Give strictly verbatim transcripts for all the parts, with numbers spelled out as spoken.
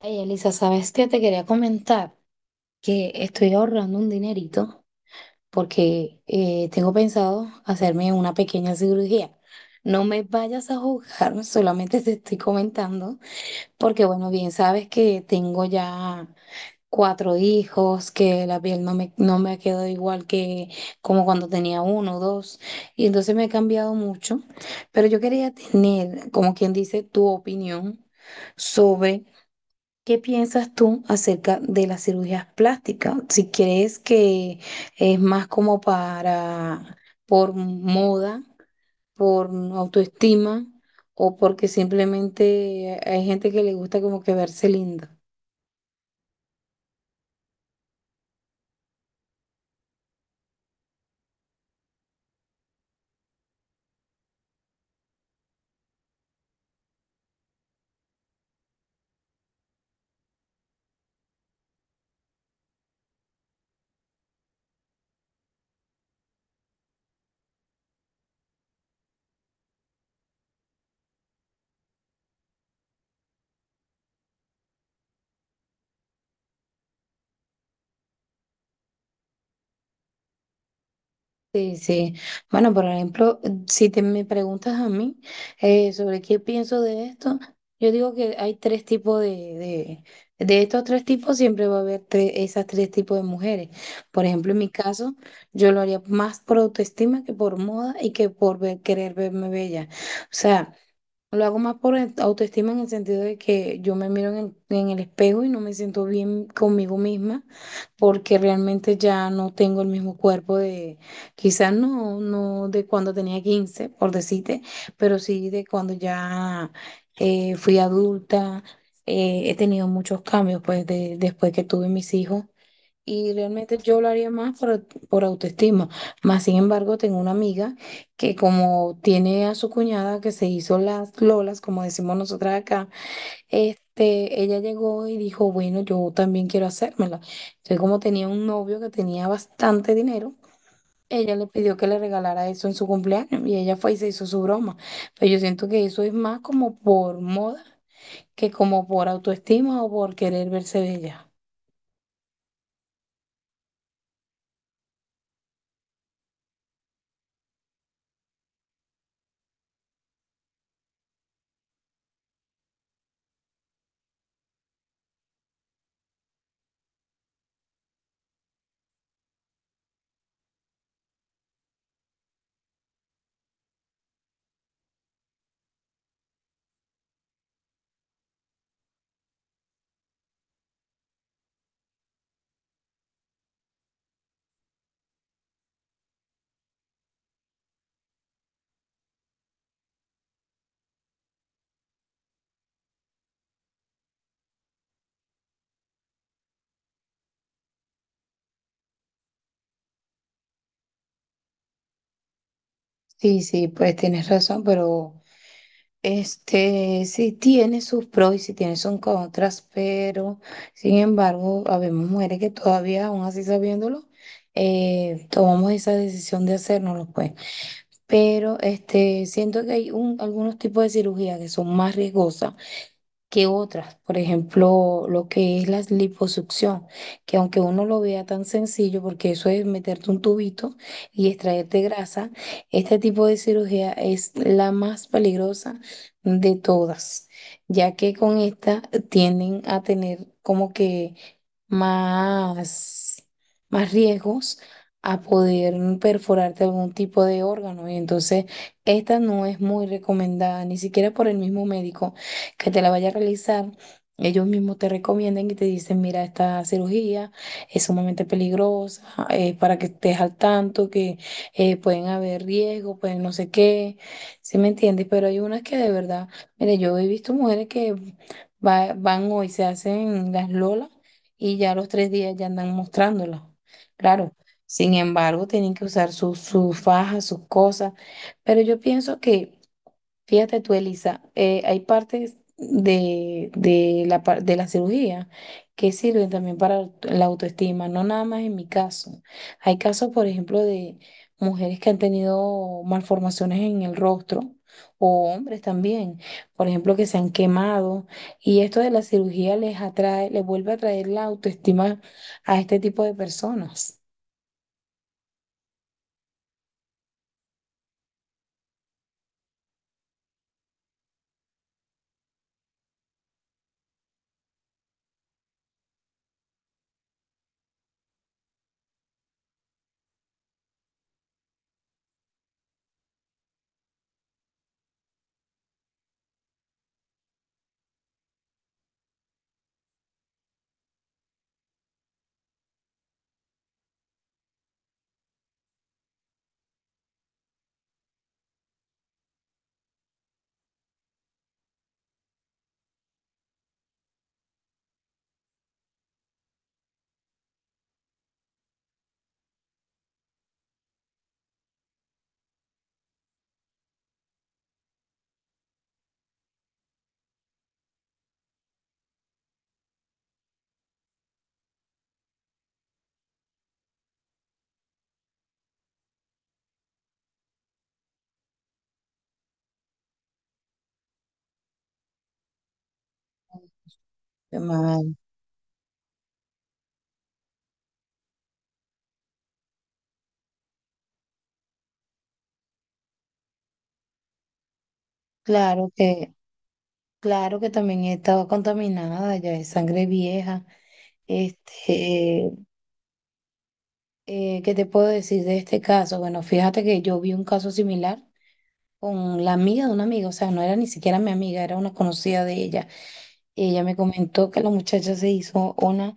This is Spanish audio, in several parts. Hey, Elisa, ¿sabes qué? Te quería comentar que estoy ahorrando un dinerito porque eh, tengo pensado hacerme una pequeña cirugía. No me vayas a juzgar, solamente te estoy comentando, porque bueno, bien sabes que tengo ya cuatro hijos, que la piel no me, no me quedó igual que como cuando tenía uno o dos, y entonces me he cambiado mucho, pero yo quería tener, como quien dice, tu opinión sobre. ¿Qué piensas tú acerca de las cirugías plásticas? Si crees que es más como para, por moda, por autoestima, o porque simplemente hay gente que le gusta como que verse linda. Sí, sí. Bueno, por ejemplo, si te me preguntas a mí eh, sobre qué pienso de esto, yo digo que hay tres tipos de, de, de estos tres tipos siempre va a haber tres, esas tres tipos de mujeres. Por ejemplo, en mi caso, yo lo haría más por autoestima que por moda y que por ver- querer verme bella. O sea. Lo hago más por el- autoestima en el sentido de que yo me miro en el, en el espejo y no me siento bien conmigo misma porque realmente ya no tengo el mismo cuerpo de, quizás no, no de cuando tenía quince por decirte, pero sí de cuando ya eh, fui adulta. Eh, he tenido muchos cambios pues de, después que tuve mis hijos y realmente yo lo haría más por, por autoestima. Más sin embargo, tengo una amiga que como tiene a su cuñada que se hizo las lolas, como decimos nosotras acá, este, ella llegó y dijo, bueno, yo también quiero hacérmela. Entonces, como tenía un novio que tenía bastante dinero, ella le pidió que le regalara eso en su cumpleaños y ella fue y se hizo su broma. Pero yo siento que eso es más como por moda que como por autoestima o por querer verse bella. Sí, sí, pues tienes razón, pero... Este, sí tiene sus pros y sí tiene sus contras, pero sin embargo, habemos mujeres que todavía, aún así sabiéndolo, eh, tomamos esa decisión de hacérnoslo, pues. Pero este, siento que hay un, algunos tipos de cirugía que son más riesgosas que otras, por ejemplo, lo que es la liposucción, que aunque uno lo vea tan sencillo, porque eso es meterte un tubito y extraerte grasa, este tipo de cirugía es la más peligrosa de todas, ya que con esta tienden a tener como que más, más riesgos a poder perforarte algún tipo de órgano. Y entonces esta no es muy recomendada, ni siquiera por el mismo médico que te la vaya a realizar. Ellos mismos te recomiendan y te dicen, mira, esta cirugía es sumamente peligrosa, eh, para que estés al tanto, que eh, pueden haber riesgos, pueden no sé qué, ¿sí me entiendes? Pero hay unas que de verdad, mire, yo he visto mujeres que va- van hoy, se hacen las lolas y ya a los tres días ya andan mostrándola. Claro, sin embargo, tienen que usar sus sus fajas, sus cosas, pero yo pienso que. Fíjate tú, Elisa, eh, hay partes de, de la, par- de la cirugía que sirven también para aut- la autoestima, no nada más en mi caso. Hay casos, por ejemplo, de mujeres que han tenido malformaciones en el rostro o hombres también, por ejemplo, que se han quemado y esto de la cirugía les atrae, les vuelve a traer la autoestima a este tipo de personas. Qué mal. Claro que. Claro que también estaba contaminada, ya es sangre vieja. Este, eh, ¿qué te puedo decir de este caso? Bueno, fíjate que yo vi un caso similar con la amiga de una amiga, o sea, no era ni siquiera mi amiga, era una conocida de ella. Ella me comentó que la muchacha se hizo una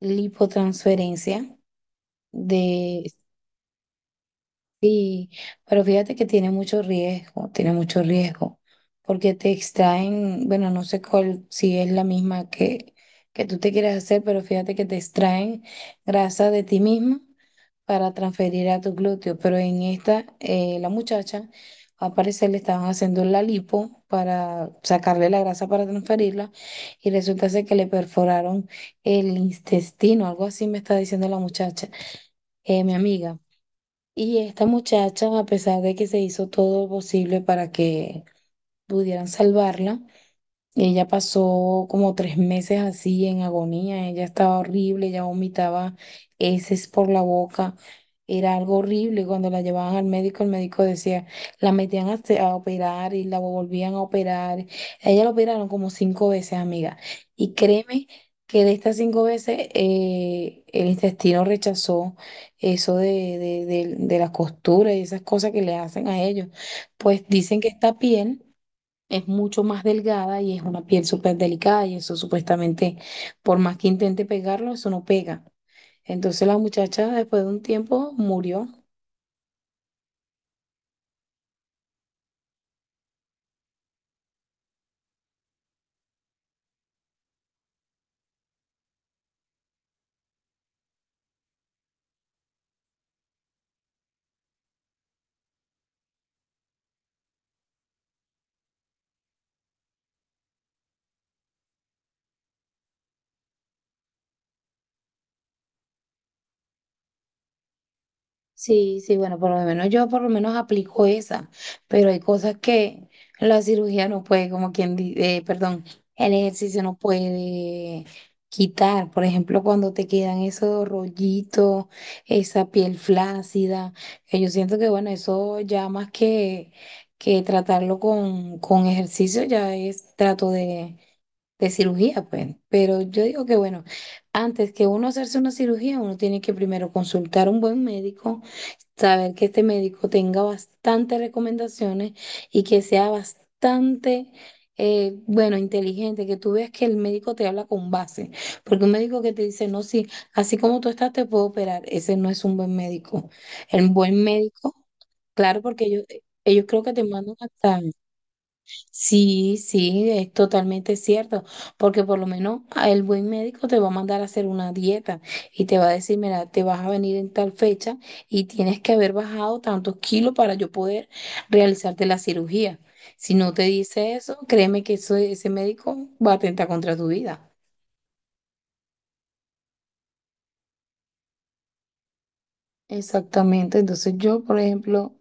lipotransferencia de. Sí, pero fíjate que tiene mucho riesgo, tiene mucho riesgo, porque te extraen, bueno, no sé cuál, si es la misma que, que tú te quieres hacer, pero fíjate que te extraen grasa de ti misma para transferir a tu glúteo, pero en esta, eh, la muchacha, al parecer le estaban haciendo la lipo para sacarle la grasa para transferirla y resulta ser que le perforaron el intestino, algo así me está diciendo la muchacha, eh, mi amiga. Y esta muchacha, a pesar de que se hizo todo lo posible para que pudieran salvarla, ella pasó como tres meses así en agonía, ella estaba horrible, ella vomitaba heces por la boca, era algo horrible. Cuando la llevaban al médico, el médico decía, la metían a, se- a operar y la volvían a operar. A ella la operaron como cinco veces, amiga. Y créeme que de estas cinco veces eh, el intestino rechazó eso de, de, de de la costura y esas cosas que le hacen a ellos. Pues dicen que esta piel es mucho más delgada y es una piel súper delicada y eso supuestamente, por más que intente pegarlo, eso no pega. Entonces la muchacha después de un tiempo murió. Sí, sí, bueno, por lo menos yo por lo menos aplico esa, pero hay cosas que la cirugía no puede, como quien dice, perdón, el ejercicio no puede quitar. Por ejemplo, cuando te quedan esos rollitos, esa piel flácida, que yo siento que bueno, eso ya más que, que tratarlo con, con ejercicio, ya es trato de, de cirugía, pues. Pero yo digo que, bueno, antes que uno hacerse una cirugía, uno tiene que primero consultar a un buen médico, saber que este médico tenga bastantes recomendaciones y que sea bastante, eh, bueno, inteligente, que tú veas que el médico te habla con base, porque un médico que te dice, no, sí, así como tú estás, te puedo operar, ese no es un buen médico. El buen médico, claro, porque ellos, ellos creo que te mandan hasta... Sí, sí, es totalmente cierto, porque por lo menos a el buen médico te va a mandar a hacer una dieta y te va a decir, mira, te vas a venir en tal fecha y tienes que haber bajado tantos kilos para yo poder realizarte la cirugía. Si no te dice eso, créeme que eso- ese médico va a atentar contra tu vida. Exactamente, entonces yo, por ejemplo,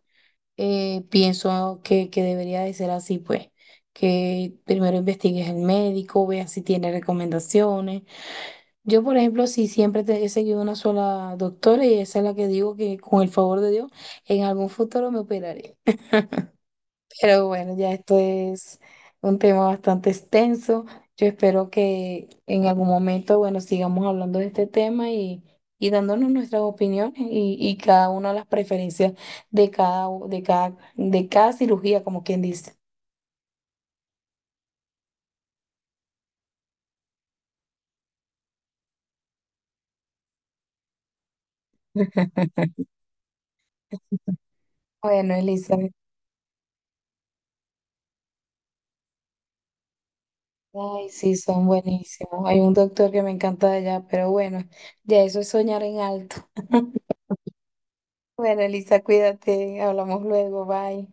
eh, pienso que, que debería de ser así, pues, que primero investigues el médico, veas si tiene recomendaciones. Yo, por ejemplo, sí siempre te- he seguido una sola doctora y esa es la que digo que con el favor de Dios en algún futuro me operaré. Pero bueno, ya esto es un tema bastante extenso. Yo espero que en algún momento, bueno, sigamos hablando de este tema y, y dándonos nuestras opiniones y, y cada una de las preferencias de cada, u- de cada, de cada cirugía, como quien dice. Bueno, Elizabeth. Ay, sí, son buenísimos. Hay un doctor que me encanta de allá, pero bueno, ya eso es soñar en alto. Bueno, Elisa, cuídate, hablamos luego, bye.